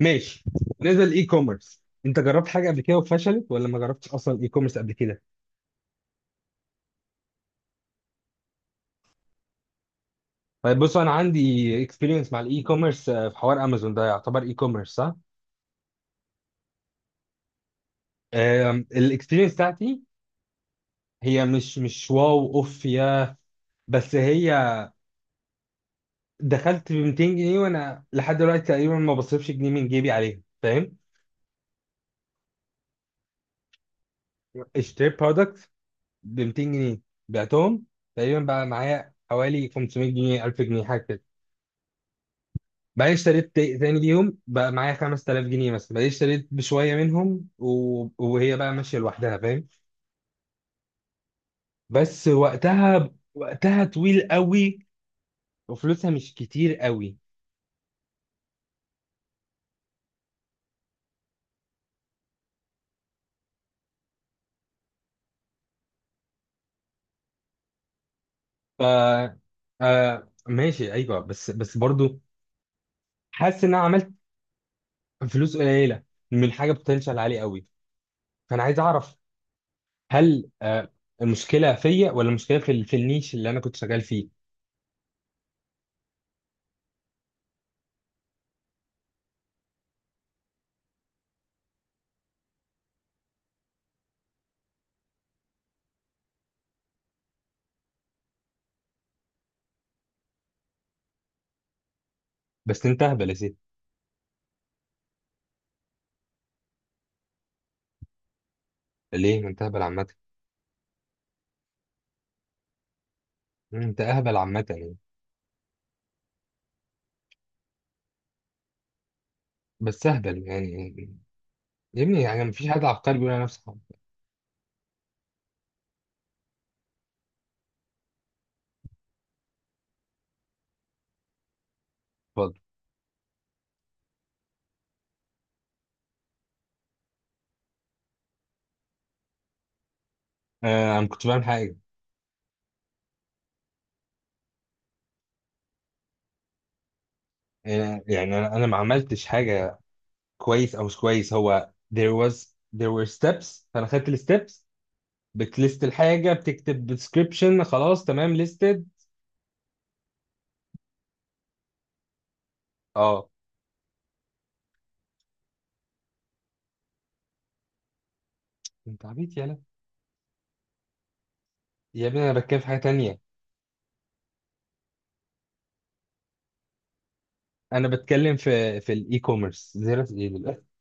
ماشي. نزل اي كوميرس، انت جربت حاجه قبل كده وفشلت ولا ما جربتش اصلا اي كوميرس قبل كده؟ طيب، بص، انا عندي اكسبيرينس مع الاي كوميرس في حوار امازون. ده يعتبر اي كوميرس صح؟ الاكسبيرينس بتاعتي، هي مش واو اوف يا، بس هي دخلت ب 200 جنيه، وانا لحد دلوقتي تقريبا ما بصرفش جنيه من جيبي عليها، فاهم؟ اشتريت برودكت ب 200 جنيه، بعتهم، تقريبا بقى معايا حوالي 500 جنيه، 1000 جنيه، حاجه كده. بقى اشتريت تاني ليهم، بقى معايا 5000 جنيه مثلا، بقى اشتريت بشويه منهم و... وهي بقى ماشيه لوحدها، فاهم؟ بس وقتها طويل قوي، وفلوسها مش كتير قوي. ف ماشي، ايوه، بس برضو، حاسس ان انا عملت فلوس قليله من حاجه بوتنشال عالي قوي. فانا عايز اعرف، هل المشكله فيا ولا المشكله في في النيش اللي انا كنت شغال فيه؟ بس انت اهبل يا سيدي. ليه؟ ما انت اهبل عامه. انت اهبل عامه يعني. بس اهبل يعني. يا ابني، يعني مفيش حد عبقري بيقول على نفسه عبقري. اتفضل. آه، انا كنت بعمل حاجه. يعني انا ما عملتش حاجه كويس او مش كويس. هو there were steps، فانا خدت الستبس، بتليست الحاجه، بتكتب description، خلاص تمام listed. اه، انت عبيط، يالا. يا ابني، انا بتكلم في حاجه تانية. انا بتكلم في الاي كوميرس. زيرو ايه دلوقتي؟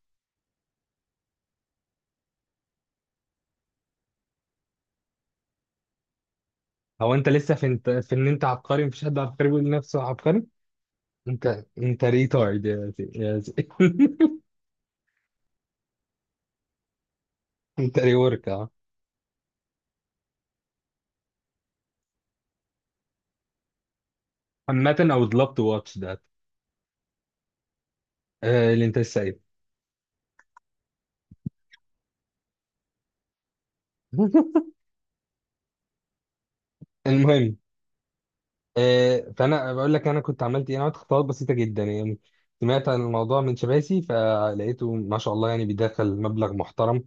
هو انت لسه في ان انت عبقري؟ مفيش حد عبقري بيقول لنفسه عبقري. انت ريتارد، يا زي. انت ريورك. عامة، I would love to watch that. آه، اللي انت لسه قايله. المهم. فانا بقول لك انا كنت عملت ايه. انا عملت خطوات بسيطه جدا يعني، سمعت عن الموضوع من شباسي فلقيته ما شاء الله يعني بيدخل مبلغ محترم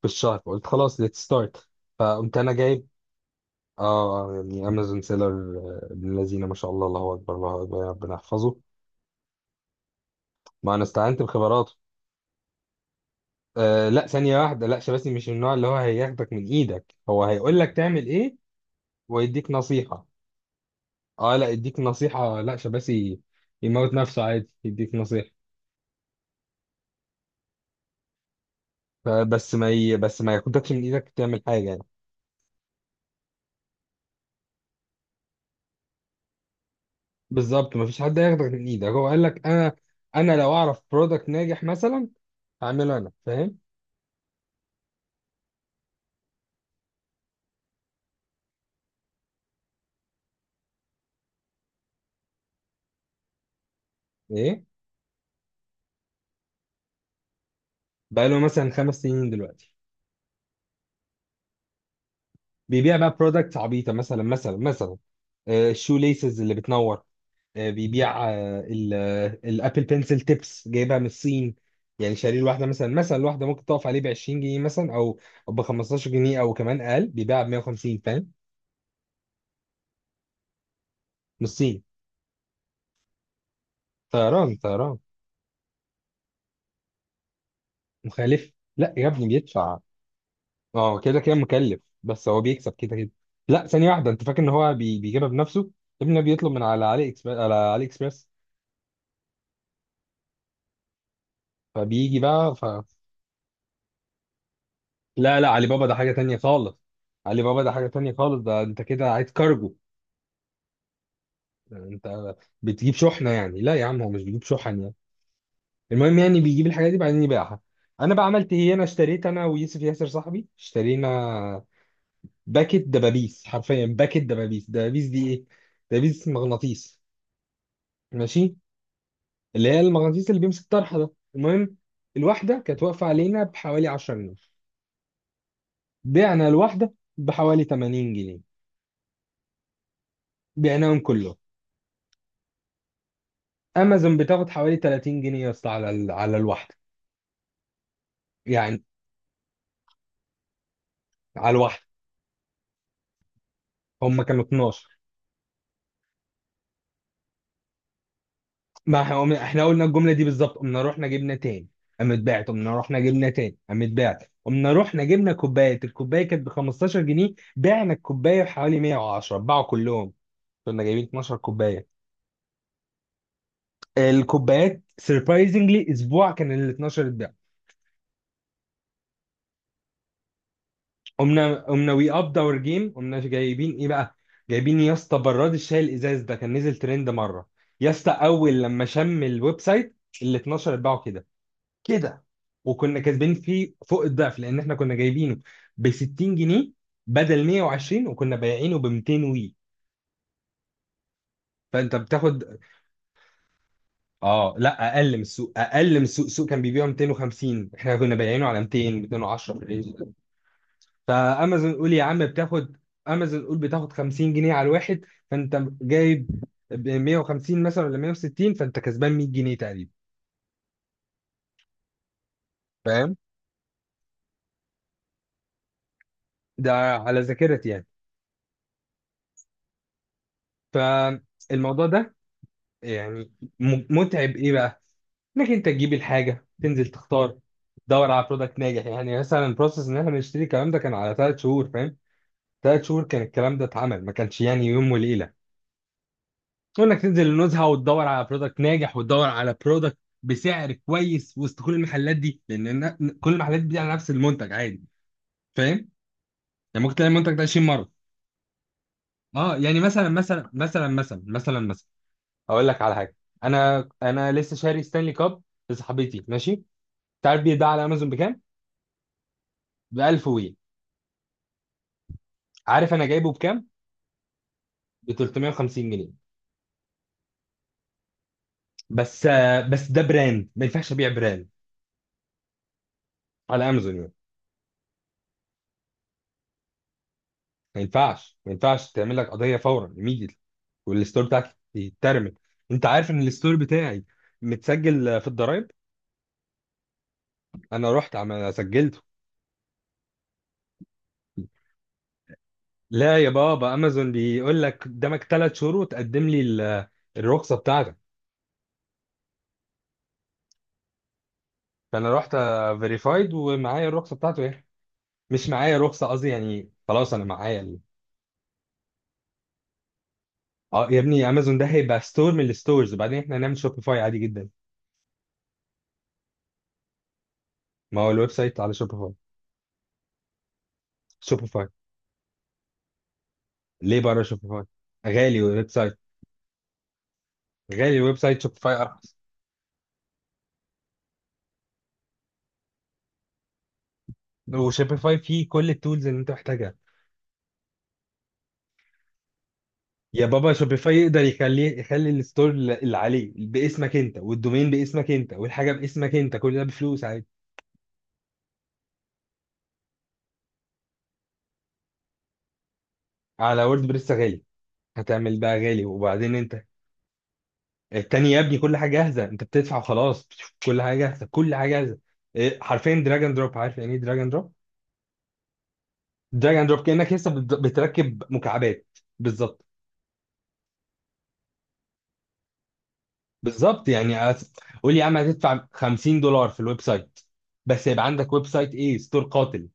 في الشهر، فقلت خلاص، let's start. فقمت انا جايب. اه، يعني امازون سيلر، ابن الذين ما شاء الله، الله اكبر، الله اكبر، يا ربنا يحفظه. ما انا استعنت بخبراته. آه لا، ثانيه واحده، لا، شباسي مش من النوع اللي هو هياخدك من ايدك، هو هيقول لك تعمل ايه ويديك نصيحه. اه، لا يديك نصيحة؟ لا، شباسي يموت نفسه عادي يديك نصيحة. فبس ما ي... بس ما ياخدكش من ايدك تعمل حاجة يعني. بالظبط، ما فيش حد هياخدك من ايدك. هو قال لك انا لو اعرف برودكت ناجح مثلا هعمله انا، فاهم؟ ايه؟ بقى له مثلا 5 سنين دلوقتي. بيبيع بقى برودكت عبيطة، مثلا مثلا مثلا، الشو ليسز اللي بتنور. بيبيع الابل بنسل تيبس جايبها من الصين. يعني شاريه الواحده مثلا مثلا، الواحده ممكن تقف عليه ب 20 جنيه مثلا، او ب 15 جنيه او كمان اقل، بيبيعها ب 150، فاهم؟ من الصين. طيران طيران. مخالف. لا يا ابني، بيدفع. اه، كده كده مكلف، بس هو بيكسب كده كده. لا، ثانيه واحده، انت فاكر ان هو بيجيبها بنفسه؟ ابنه بيطلب من على علي اكسبرس، على علي اكسبرس. فبيجي بقى. لا، لا، علي بابا ده حاجه تانيه خالص. علي بابا ده حاجه تانيه خالص، ده انت كده عايز كارجو. انت بتجيب شحنه يعني؟ لا يا عم، هو مش بيجيب شحن يعني. المهم، يعني بيجيب الحاجات دي بعدين يبيعها. انا بقى عملت ايه؟ انا اشتريت، انا ويوسف ياسر صاحبي اشترينا باكت دبابيس، حرفيا باكت دبابيس. دبابيس دي ايه؟ دبابيس مغناطيس، ماشي، اللي هي المغناطيس اللي بيمسك طرحه ده، المهم. الواحده كانت واقفه علينا بحوالي 10 جنيه، بعنا الواحده بحوالي 80 جنيه، بعناهم كله. امازون بتاخد حوالي 30 جنيه يا اسطى، على الواحده. يعني، على الواحده، هم كانوا 12. ما احنا قمنا، احنا قلنا الجمله دي بالظبط، قمنا رحنا جبنا تاني، قامت باعت، قمنا رحنا جبنا تاني، قامت باعت، قمنا رحنا جبنا كوبايه. الكوبايه كانت ب 15 جنيه، بعنا الكوبايه بحوالي 110، باعوا كلهم. كنا جايبين 12 كوبايه، الكوبايات سربرايزنجلي اسبوع كان ال 12 اتباع. قمنا وي اب اور جيم، قمنا جايبين ايه بقى؟ جايبين يا اسطى براد الشاي الازاز، ده كان نزل ترند مره. يا اسطى، اول لما شم الويب سايت ال 12 اتباعوا كده كده، وكنا كسبانين فيه فوق الضعف لان احنا كنا جايبينه ب 60 جنيه بدل 120، وكنا بايعينه ب 200 وي، فانت بتاخد. اه لا، اقل من السوق، اقل من السوق، السوق كان بيبيعه 250، احنا كنا بايعينه على 200 210 في الرينج ده. فامازون قول يا عم بتاخد، امازون قول بتاخد 50 جنيه على الواحد، فانت جايب ب 150 مثلا ولا 160، فانت كسبان 100 جنيه تقريبا، فاهم؟ ده على ذاكرتي يعني. فالموضوع ده يعني متعب ايه بقى؟ انك انت تجيب الحاجه، تنزل تختار، تدور على برودكت ناجح، يعني مثلا البروسيس ان احنا نشتري الكلام ده كان على 3 شهور، فاهم؟ 3 شهور كان الكلام ده اتعمل، ما كانش يعني يوم وليله. انك تنزل النزهه وتدور على برودكت ناجح وتدور على برودكت بسعر كويس وسط كل المحلات دي، لان كل المحلات دي على نفس المنتج عادي، فاهم؟ يعني ممكن تلاقي المنتج ده 20 مره. اه، يعني مثلا مثلا مثلا مثلا مثلا مثلا، اقول لك على حاجه. انا لسه شاري ستانلي كاب لصاحبتي، ماشي. تعرف بيتباع على امازون بكام؟ ب 1000 وي. عارف انا جايبه بكام؟ ب 350 جنيه. بس ده براند، ما ينفعش ابيع براند على امازون يعني. ما ينفعش، ما ينفعش تعمل لك قضيه فورا، immediately، والستور بتاعك يترمي. انت عارف ان الستور بتاعي متسجل في الضرايب. انا رحت عم سجلته. لا يا بابا، امازون بيقول لك قدامك 3 شهور وتقدم لي الرخصه بتاعتك. فانا رحت فيريفايد ومعايا الرخصه بتاعته ايه، مش معايا رخصه، قصدي يعني خلاص انا معايا. اه يا ابني، امازون ده هيبقى ستور من الستورز، وبعدين احنا هنعمل شوبيفاي عادي جدا. ما هو الويب سايت على شوبيفاي. شوبيفاي؟ ليه بره شوبيفاي؟ غالي الويب سايت. غالي الويب سايت، شوبيفاي ارخص. وشوبيفاي فيه كل التولز اللي انت محتاجها. يا بابا، شوبيفاي يقدر يخلي الستور اللي عليه باسمك انت والدومين باسمك انت والحاجه باسمك انت، كل ده بفلوس عادي. على وورد بريس غالي، هتعمل بقى غالي، وبعدين انت التاني يا ابني، كل حاجه جاهزه، انت بتدفع وخلاص، بتشوف كل حاجه جاهزه، كل حاجه جاهزه. إيه، حرفيا دراج اند دروب. عارف يعني ايه دراج اند دروب؟ دراج اند دروب، كانك لسه بتركب مكعبات، بالظبط. بالظبط يعني قول لي يا عم، هتدفع 50 دولار في الويب سايت بس يبقى عندك ويب سايت، ايه ستور قاتل.